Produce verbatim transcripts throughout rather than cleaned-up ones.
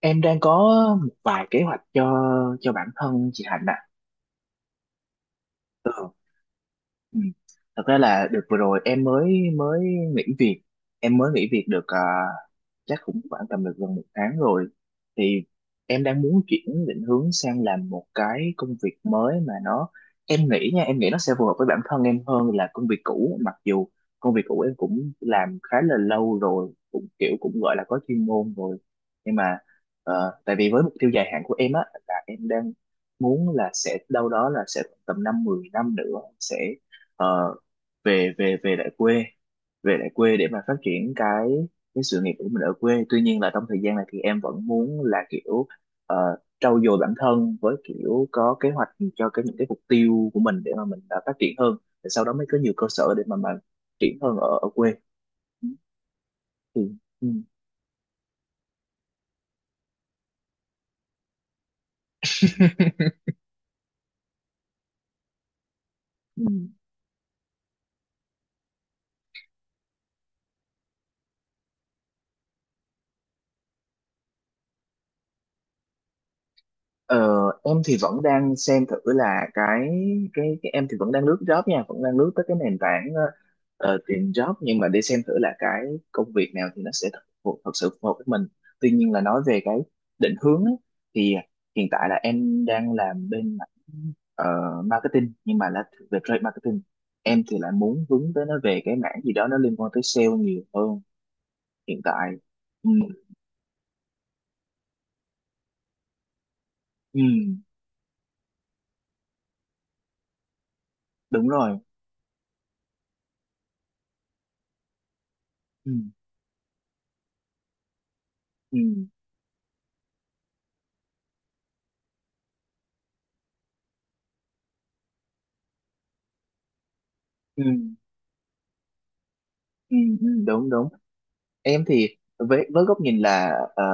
Em đang có một vài kế hoạch cho cho bản thân chị Hạnh ạ. Ừ. Ừ. Thật ra là được vừa rồi em mới mới nghỉ việc, em mới nghỉ việc được, à, chắc cũng khoảng tầm được gần một tháng rồi thì em đang muốn chuyển định hướng sang làm một cái công việc mới mà nó em nghĩ nha, em nghĩ nó sẽ phù hợp với bản thân em hơn là công việc cũ, mặc dù công việc cũ em cũng làm khá là lâu rồi, cũng kiểu cũng gọi là có chuyên môn rồi nhưng mà ờ, tại vì với mục tiêu dài hạn của em á là em đang muốn là sẽ đâu đó là sẽ tầm năm mười năm nữa sẽ ờ, về về về lại quê, về lại quê để mà phát triển cái cái sự nghiệp của mình ở quê, tuy nhiên là trong thời gian này thì em vẫn muốn là kiểu ờ, trau dồi bản thân với kiểu có kế hoạch cho cái những cái mục tiêu của mình để mà mình ờ, phát triển hơn để sau đó mới có nhiều cơ sở để mà mà triển hơn ở ở quê. Ừ. Thì ừ, ừ. Ờ, em thì vẫn đang xem thử là cái cái cái em thì vẫn đang lướt job nha, vẫn đang lướt tới cái nền tảng ờ, ờ, tìm job nhưng mà để xem thử là cái công việc nào thì nó sẽ thật, thật sự phù hợp với mình. Tuy nhiên là nói về cái định hướng ấy, thì hiện tại là em đang làm bên mảng ờ, marketing nhưng mà là về trade marketing. Em thì lại muốn hướng tới nó về cái mảng gì đó nó liên quan tới sale nhiều hơn hiện tại. Ừ, ừ, đúng rồi. Ừ, ừ, ừ. Ừ, ừ, đúng đúng. Em thì với với góc nhìn là, ờ,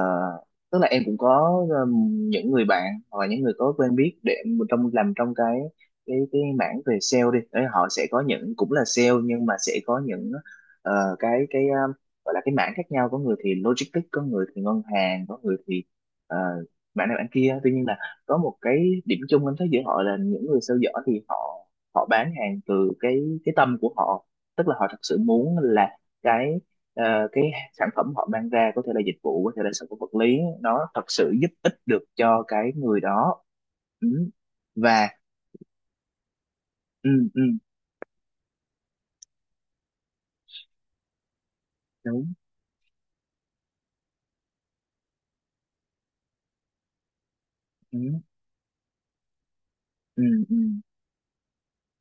tức là em cũng có ừm, những người bạn hoặc là những người có quen biết để trong làm trong cái cái cái mảng về sale đi. Đấy, họ sẽ có những cũng là sale nhưng mà sẽ có những ờ, cái cái ờ, gọi là cái mảng khác nhau, có người thì logistics, có người thì ngân hàng, có người thì ờ, mảng này mảng kia, tuy nhiên là có một cái điểm chung em thấy giữa họ là những người sale giỏi thì họ họ bán hàng từ cái cái tâm của họ, tức là họ thật sự muốn là cái ờ, cái sản phẩm họ mang ra có thể là dịch vụ có thể là sản phẩm vật lý nó thật sự giúp ích được cho cái người đó. Ừ. Và ừ, ừ, đúng. Ừ, ừ, ừ.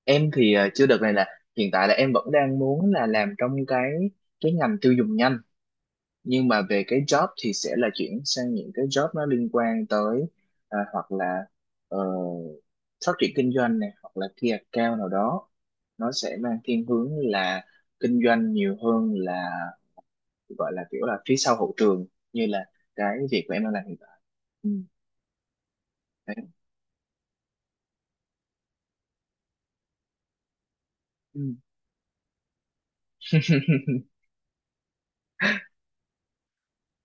Em thì ờ, chưa, đợt này là hiện tại là em vẫn đang muốn là làm trong cái cái ngành tiêu dùng nhanh, nhưng mà về cái job thì sẽ là chuyển sang những cái job nó liên quan tới ờ, hoặc là ờ, phát triển kinh doanh này hoặc là key account nào đó, nó sẽ mang thiên hướng là kinh doanh nhiều hơn là gọi là kiểu là phía sau hậu trường như là cái việc của em đang làm hiện tại. Ừ. Đấy. Ừ.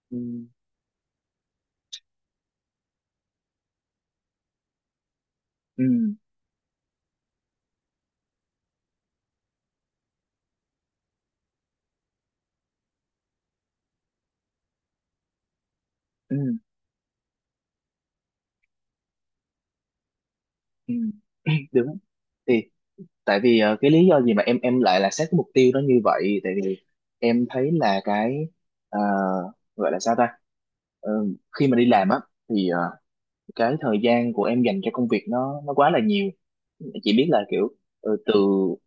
ừ. Ừ. Ừ. Ừ. Đúng. Thì tại vì ờ, cái lý do gì mà em em lại là xét cái mục tiêu nó như vậy, tại vì em thấy là cái ờ, gọi là sao ta. Ờ, khi mà đi làm á thì ờ, cái thời gian của em dành cho công việc nó nó quá là nhiều, chỉ biết là kiểu ờ, từ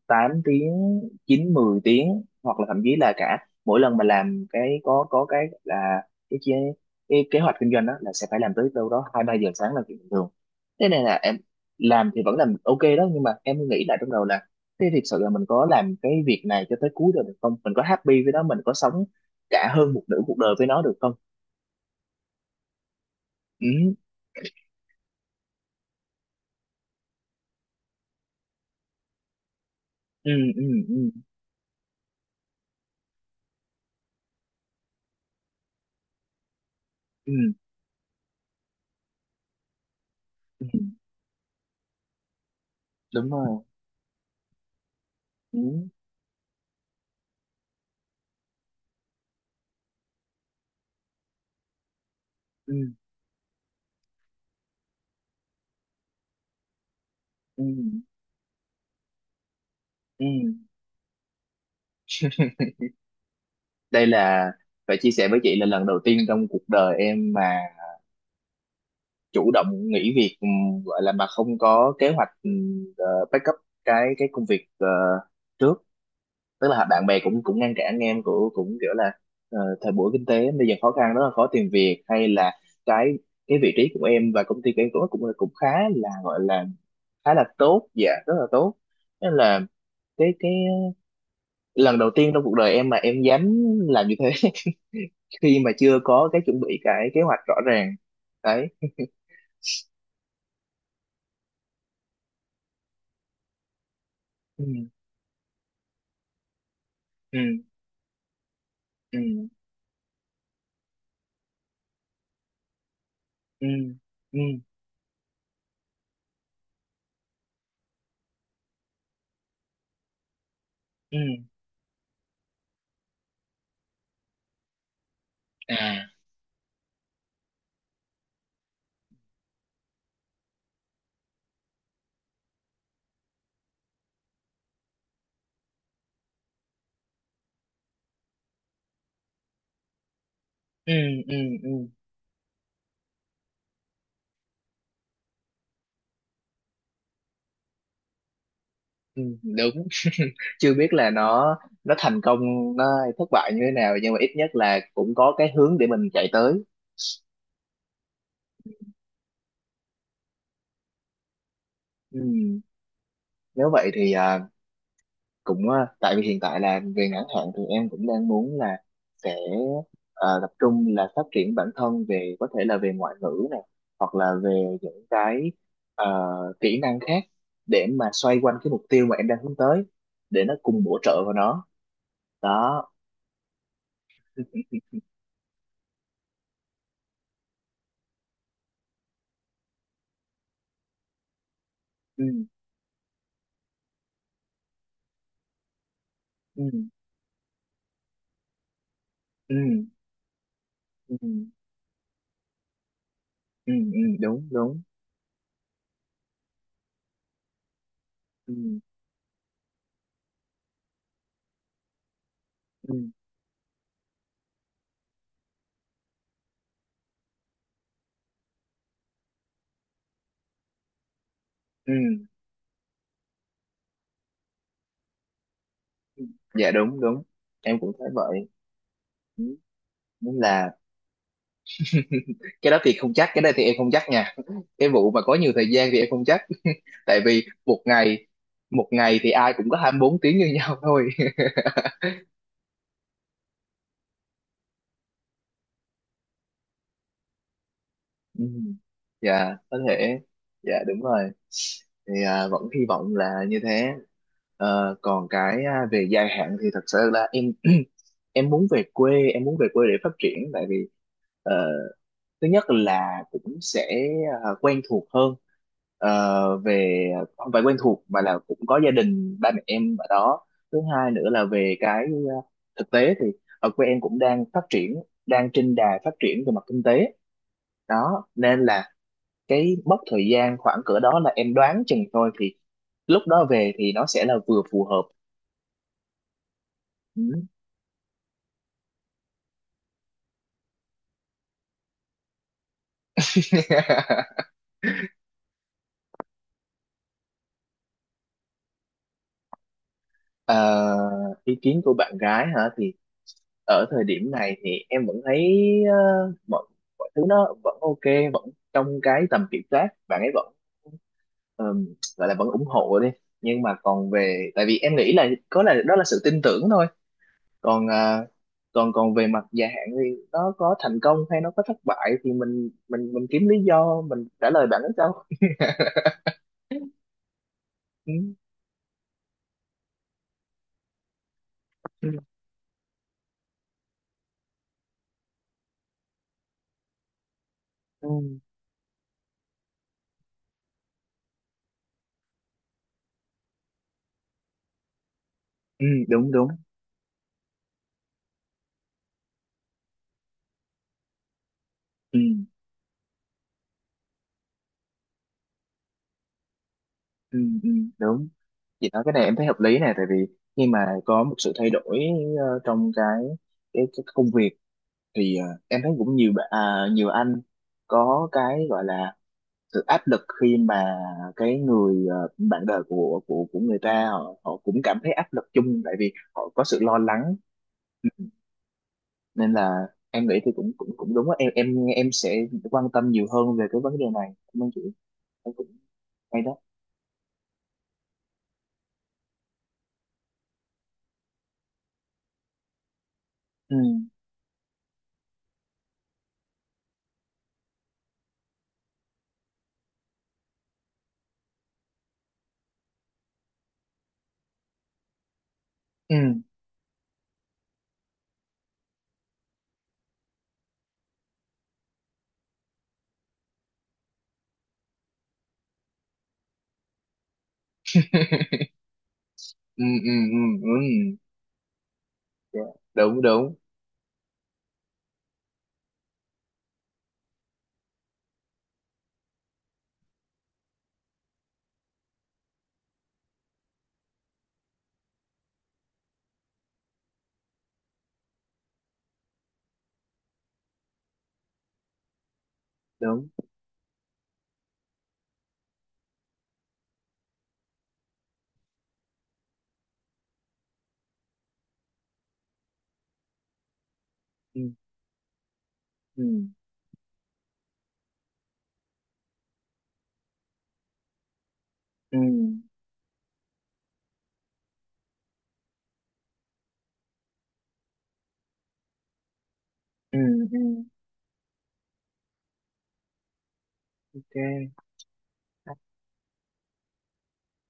tám tiếng, chín mười tiếng hoặc là thậm chí là cả mỗi lần mà làm cái có có cái là cái chế cái kế hoạch kinh doanh đó là sẽ phải làm tới đâu đó hai ba giờ sáng là chuyện bình thường, thế này là em làm thì vẫn làm ok đó nhưng mà em nghĩ lại trong đầu là thế thực sự là mình có làm cái việc này cho tới cuối được được không, mình có happy với nó, mình có sống cả hơn một nửa cuộc đời với nó được không. Ừ, ừ, ừ. Ừ, ừ, ừ. Đúng rồi. Ừ, ừ, ừ, ừ. Đây là phải chia sẻ với chị là lần đầu tiên trong cuộc đời em mà chủ động nghỉ việc, ừm, gọi là mà không có kế hoạch ừm, ờ, backup cái cái công việc ờ, trước, tức là bạn bè cũng cũng ngăn cản em, cũng cũng kiểu là ờ, thời buổi kinh tế bây giờ khó khăn rất là khó tìm việc, hay là cái cái vị trí của em và công ty của em cũng cũng cũng khá là gọi là khá là tốt, dạ rất là tốt, nên là cái cái lần đầu tiên trong cuộc đời em mà em dám làm như thế, khi mà chưa có cái chuẩn bị cái kế hoạch rõ ràng đấy. Ừ, ừ, ừ, ừ, ừ, ừ. À. Ừ, ừ, ừ, ừ. Đúng. Chưa biết là nó nó thành công nó thất bại như thế nào nhưng mà ít nhất là cũng có cái hướng để mình chạy tới. Ừ. Nếu vậy thì à, cũng ờ, tại vì hiện tại là về ngắn hạn thì em cũng đang muốn là sẽ ờ, tập trung là phát triển bản thân về có thể là về ngoại ngữ này hoặc là về những cái ờ, kỹ năng khác để mà xoay quanh cái mục tiêu mà em đang hướng tới để nó cùng bổ trợ vào nó đó. Ừ, ừ, ừ, ừ, ừ. Ừ, ừ, ừ, đúng đúng. Ừ, ừ, ừ. Dạ đúng đúng. Em cũng thấy vậy. Ừ, đúng là cái đó thì không chắc, cái đây thì em không chắc nha, cái vụ mà có nhiều thời gian thì em không chắc tại vì một ngày một ngày thì ai cũng có hai mươi bốn tiếng như nhau thôi. Ừ. Dạ có thể. Dạ đúng rồi thì à, vẫn hy vọng là như thế. Ờ, còn cái à, về dài hạn thì thật sự là em em muốn về quê, em muốn về quê để phát triển tại vì ờ, thứ nhất là cũng sẽ ờ, quen thuộc hơn, ờ, về không phải quen thuộc mà là cũng có gia đình ba mẹ em ở đó. Thứ hai nữa là về cái ờ, thực tế thì ở quê em cũng đang phát triển, đang trên đà phát triển về mặt kinh tế đó, nên là cái mốc thời gian khoảng cỡ đó là em đoán chừng thôi thì lúc đó về thì nó sẽ là vừa phù hợp. Ừ. Ờ, ý kiến của bạn gái hả thì ở thời điểm này thì em vẫn thấy ờ, mọi mọi thứ nó vẫn ok, vẫn trong cái tầm kiểm soát, bạn ấy vẫn ờm, gọi là vẫn ủng hộ đi nhưng mà còn về, tại vì em nghĩ là có là đó là sự tin tưởng thôi. Còn ờ, còn còn về mặt dài hạn thì nó có thành công hay nó có thất bại thì mình mình mình kiếm lý do mình trả lời bạn ấy sao. Ừ. Ừ. Ừ. Ừ, đúng đúng. Ừ, ừ, ừ, đúng. Chị nói cái này em thấy hợp lý này, tại vì khi mà có một sự thay đổi ờ, trong cái cái, cái công việc thì ờ, em thấy cũng nhiều bạn- à, nhiều anh có cái gọi là sự áp lực khi mà cái người ờ, bạn đời của của của người ta họ họ cũng cảm thấy áp lực chung, tại vì họ có sự lo lắng nên là em nghĩ thì cũng cũng cũng đúng á, em em em sẽ quan tâm nhiều hơn về cái vấn đề này, cảm ơn chị. Em cũng hay đó. Ừ, ừ, ừ, ừ, ừ, ừ. Dạ, đúng đúng đúng. Ừ. Ừ. Ừ. Ừ. Ừ. Ừ. OK.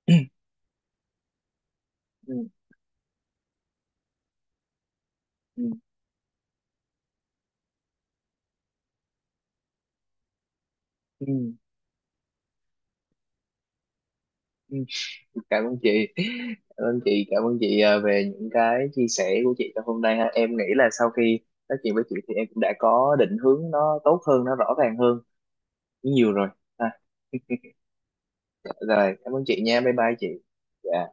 Ừ. Ừ. Ừ. Ừ. Cảm ơn chị, cảm ơn chị, cảm ơn chị à, về những cái chia sẻ của chị trong hôm nay ha. Em nghĩ là sau khi nói chuyện với chị thì em cũng đã có định hướng nó tốt hơn, nó rõ ràng hơn nhiều rồi ha. Rồi cảm ơn chị nha, bye bye chị. Dạ.